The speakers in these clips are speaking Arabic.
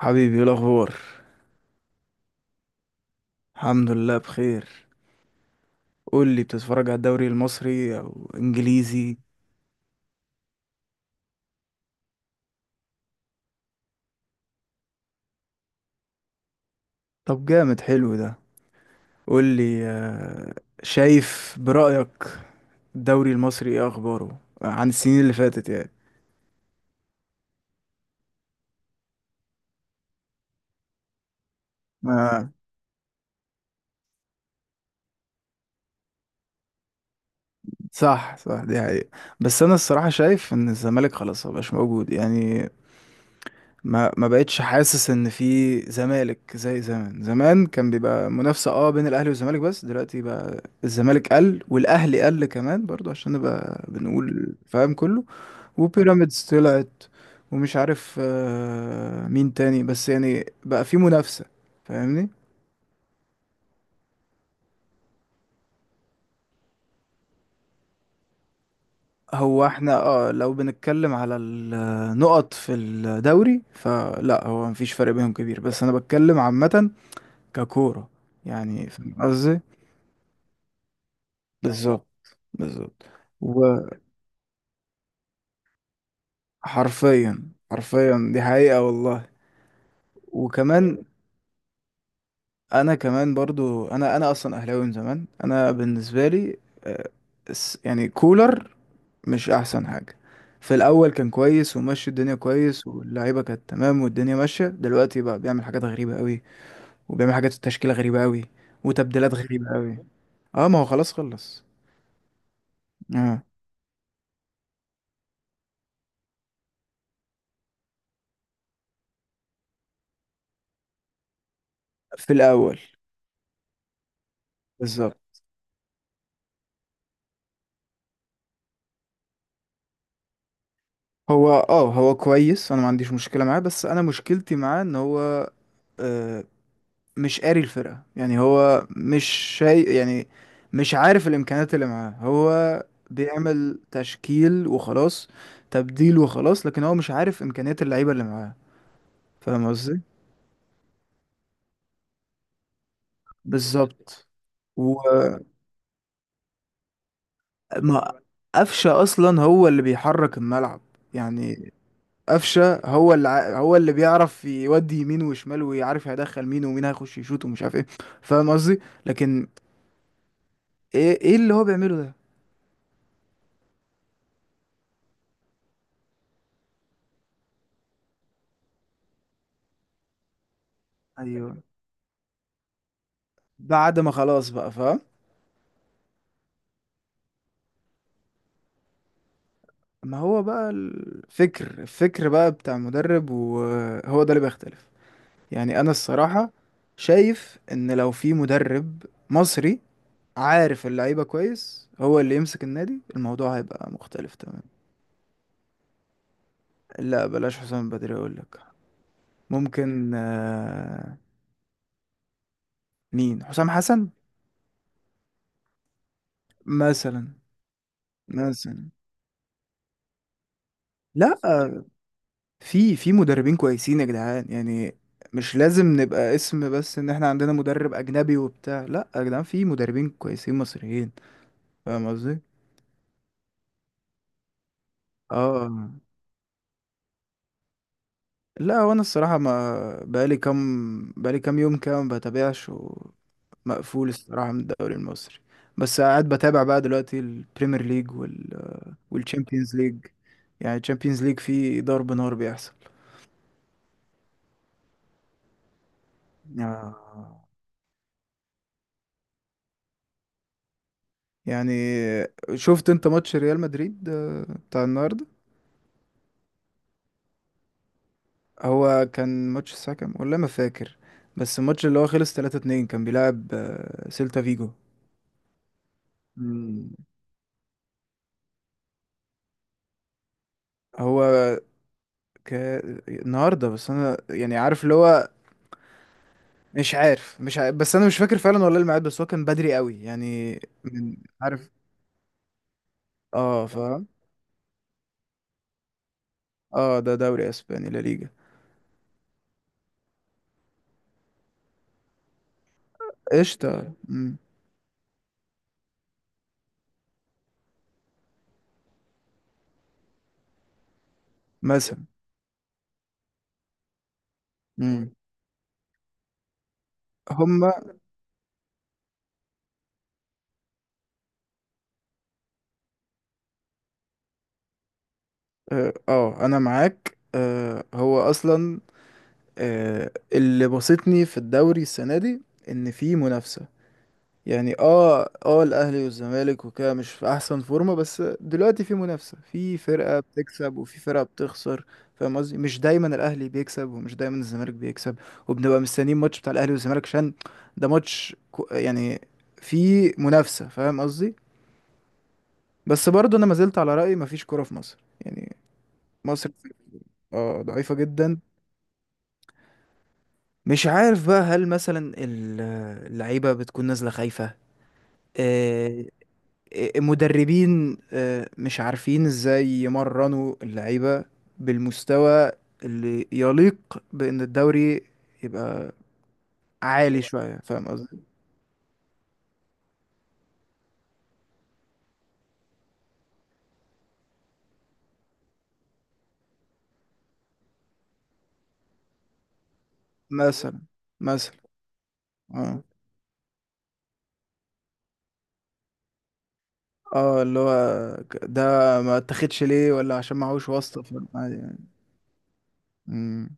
حبيبي، ايه الاخبار؟ الحمد لله بخير. قول لي، بتتفرج على الدوري المصري او انجليزي؟ طب جامد، حلو ده. قول لي. شايف برأيك، الدوري المصري ايه اخباره عن السنين اللي فاتت؟ يعني آه. صح، صح، دي حقيقة. بس انا الصراحة شايف ان الزمالك خلاص مبقاش موجود يعني. ما بقتش حاسس ان في زمالك زي زمان زمان، كان بيبقى منافسة بين الاهلي والزمالك، بس دلوقتي بقى الزمالك قل والاهلي قل كمان برضو عشان نبقى بنقول فاهم كله. وبيراميدز طلعت، ومش عارف مين تاني، بس يعني بقى في منافسة. فاهمني. هو احنا، لو بنتكلم على النقط في الدوري فلا، هو مفيش فرق بينهم كبير، بس انا بتكلم عامة ككورة، يعني فاهم قصدي. بالظبط، بالظبط. وحرفيا، حرفيا، دي حقيقة والله. وكمان، انا كمان برضو، انا اصلا اهلاوي من زمان. انا بالنسبة لي آه، يعني كولر، مش احسن حاجة. في الاول كان كويس وماشي الدنيا كويس واللعيبة كانت تمام والدنيا ماشية، دلوقتي بقى بيعمل حاجات غريبة قوي، وبيعمل حاجات التشكيلة غريبة قوي، وتبديلات غريبة قوي. اه، ما هو خلاص خلص. اه، في الاول. بالظبط. هو كويس، انا ما عنديش مشكلة معاه، بس انا مشكلتي معاه ان هو آه، مش قاري الفرقة، يعني هو مش شيء يعني، مش عارف الإمكانيات اللي معاه. هو بيعمل تشكيل وخلاص، تبديل وخلاص، لكن هو مش عارف إمكانيات اللعيبة اللي معاه. فاهم قصدي؟ بالظبط. وما قفشة أصلا هو اللي بيحرك الملعب يعني. قفشه، هو اللي بيعرف يودي يمين وشمال، ويعرف هيدخل مين ومين هيخش يشوط ومش عارف ايه. فاهم قصدي. لكن ايه، اللي هو بيعمله ده. ايوه، بعد ما خلاص بقى فاهم. ما هو بقى الفكر بقى بتاع المدرب، وهو ده اللي بيختلف. يعني انا الصراحه شايف ان لو في مدرب مصري عارف اللعيبه كويس هو اللي يمسك النادي، الموضوع هيبقى مختلف تمام. لا، بلاش حسام بدري، اقول لك. ممكن. مين حسام حسن؟ مثلا، مثلا. لا، في مدربين كويسين يا جدعان، يعني مش لازم نبقى اسم بس ان احنا عندنا مدرب اجنبي وبتاع. لا يا جدعان، في مدربين كويسين مصريين. فاهم قصدي. اه، لا، وانا الصراحه ما بقالي كام، بقالي كام يوم كده ما بتابعش، ومقفول الصراحه من الدوري المصري. بس قاعد بتابع بقى دلوقتي البريمير ليج والتشامبيونز ليج. يعني التشامبيونز ليج فيه ضرب نار بيحصل. آه. يعني، شفت انت ماتش ريال مدريد بتاع النهارده؟ هو كان ماتش الساعه كام، والله ما فاكر، بس الماتش اللي هو خلص 3-2 كان بيلعب سيلتا فيجو. مم. هو ك... النهارده، بس انا يعني عارف اللي هو مش عارف، بس انا مش فاكر فعلا والله الميعاد، بس هو كان بدري قوي يعني. من عارف. اه فاهم. اه، ده دوري اسباني، لا، ليجا. قشطه. مم. مثلا. مم. هما. اه، انا معاك. هو اصلا اللي بسطني في الدوري السنة دي ان في منافسة، يعني الاهلي والزمالك وكده مش في احسن فورمة، بس دلوقتي في منافسة، في فرقة بتكسب وفي فرقة بتخسر. فاهم قصدي، مش دايما الاهلي بيكسب ومش دايما الزمالك بيكسب. وبنبقى مستنيين ماتش بتاع الاهلي والزمالك عشان ده ماتش يعني، في منافسة. فاهم قصدي. بس برضه انا ما زلت على رأيي، مفيش كورة في مصر يعني. مصر اه ضعيفة جدا. مش عارف بقى، هل مثلا اللعيبة بتكون نازلة خايفة؟ آه، المدربين مش عارفين ازاي يمرنوا اللعيبة بالمستوى اللي يليق بأن الدوري يبقى عالي شوية. فاهم قصدي. مثلا، مثلا. اه اه اللي هو ده ما اتاخدش ليه، ولا عشان معهوش واسطة، فاهم؟ عادي يعني. مم.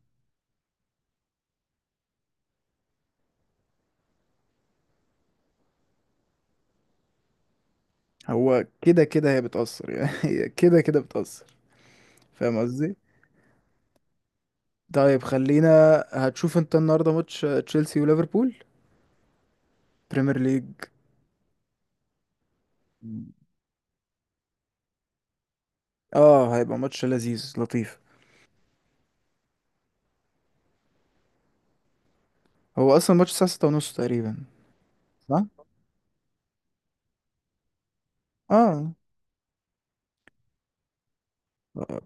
هو كده كده هي بتأثر يعني. هي كده كده بتأثر. فاهم قصدي. طيب، خلينا. هتشوف انت النهارده ماتش تشيلسي وليفربول، بريمير ليج؟ اه، هيبقى ماتش لذيذ لطيف. هو اصلا ماتش الساعه 6 ونص تقريبا. صح. اه. آه،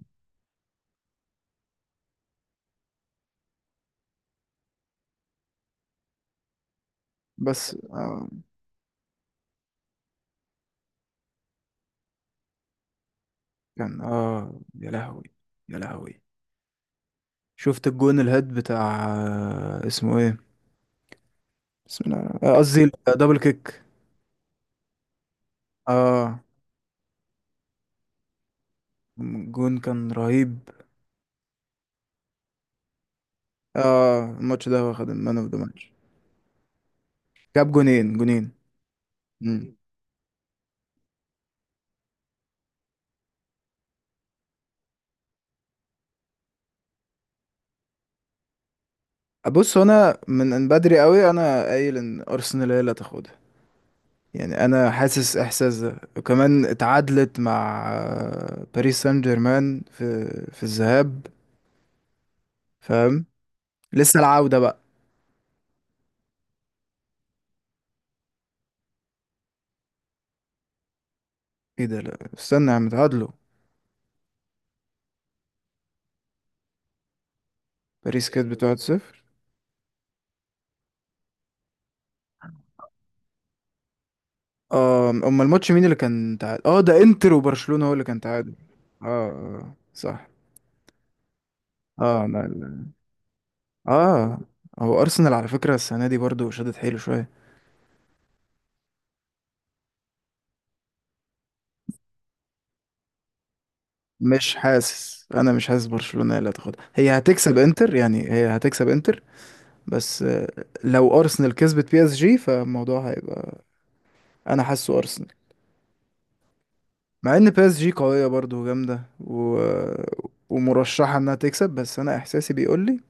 بس كان اه يا لهوي، يا لهوي. شفت الجون الهيد بتاع اسمه ايه؟ بسم الله الرحمن- الرحيم. قصدي دبل كيك. اه، الجون كان رهيب. اه، الماتش ده واخد المان اوف ذا ماتش. جاب جونين، جونين. بص، هو انا من بدري قوي انا قايل ان ارسنال هي اللي هتاخدها يعني، انا حاسس احساس ده، وكمان اتعادلت مع باريس سان جيرمان في الذهاب. فاهم. لسه العودة بقى. ايه ده، لا استنى يا عم، اتعادلوا. باريس كسبت 1-0. اه، امال الماتش مين اللي كان تعادل؟ اه، ده انتر وبرشلونة هو اللي كان تعادل. اه، صح. اه، انا. اه. هو ارسنال على فكرة السنة دي برضو شدت حيله شوية. مش حاسس، انا مش حاسس برشلونة هي اللي هتاخدها، هي هتكسب انتر، يعني هي هتكسب انتر. بس لو ارسنال كسبت بي اس جي فالموضوع هيبقى. انا حاسه ارسنال. مع ان بي اس جي قوية برضه وجامدة و... ومرشحة انها تكسب، بس انا احساسي بيقول لي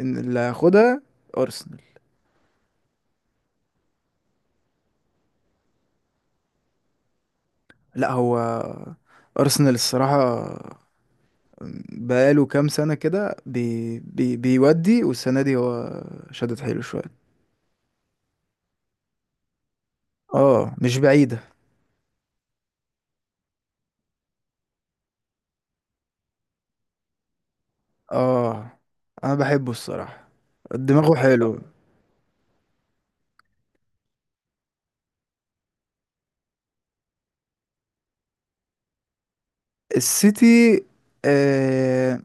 ان اللي هياخدها ارسنال. لا، هو ارسنال الصراحة بقاله كام سنة كده بيودي، والسنة دي هو شدد حيله شوية. اه، مش بعيدة. اه، انا بحبه الصراحة، دماغه حلو. السيتي آه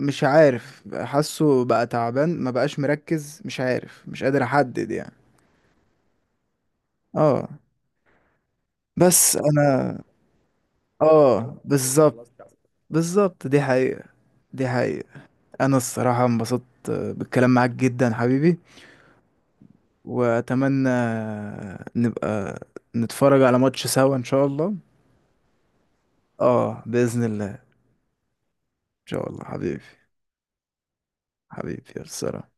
مش عارف، حاسه بقى تعبان، ما بقاش مركز، مش عارف، مش قادر احدد يعني. اه. بس انا، اه بالظبط. بالظبط، دي حقيقة، دي حقيقة. انا الصراحة انبسطت بالكلام معاك جدا حبيبي. واتمنى نبقى نتفرج على ماتش سوا ان شاء الله. اه، بإذن الله. ان شاء الله حبيبي. حبيبي يا سلام.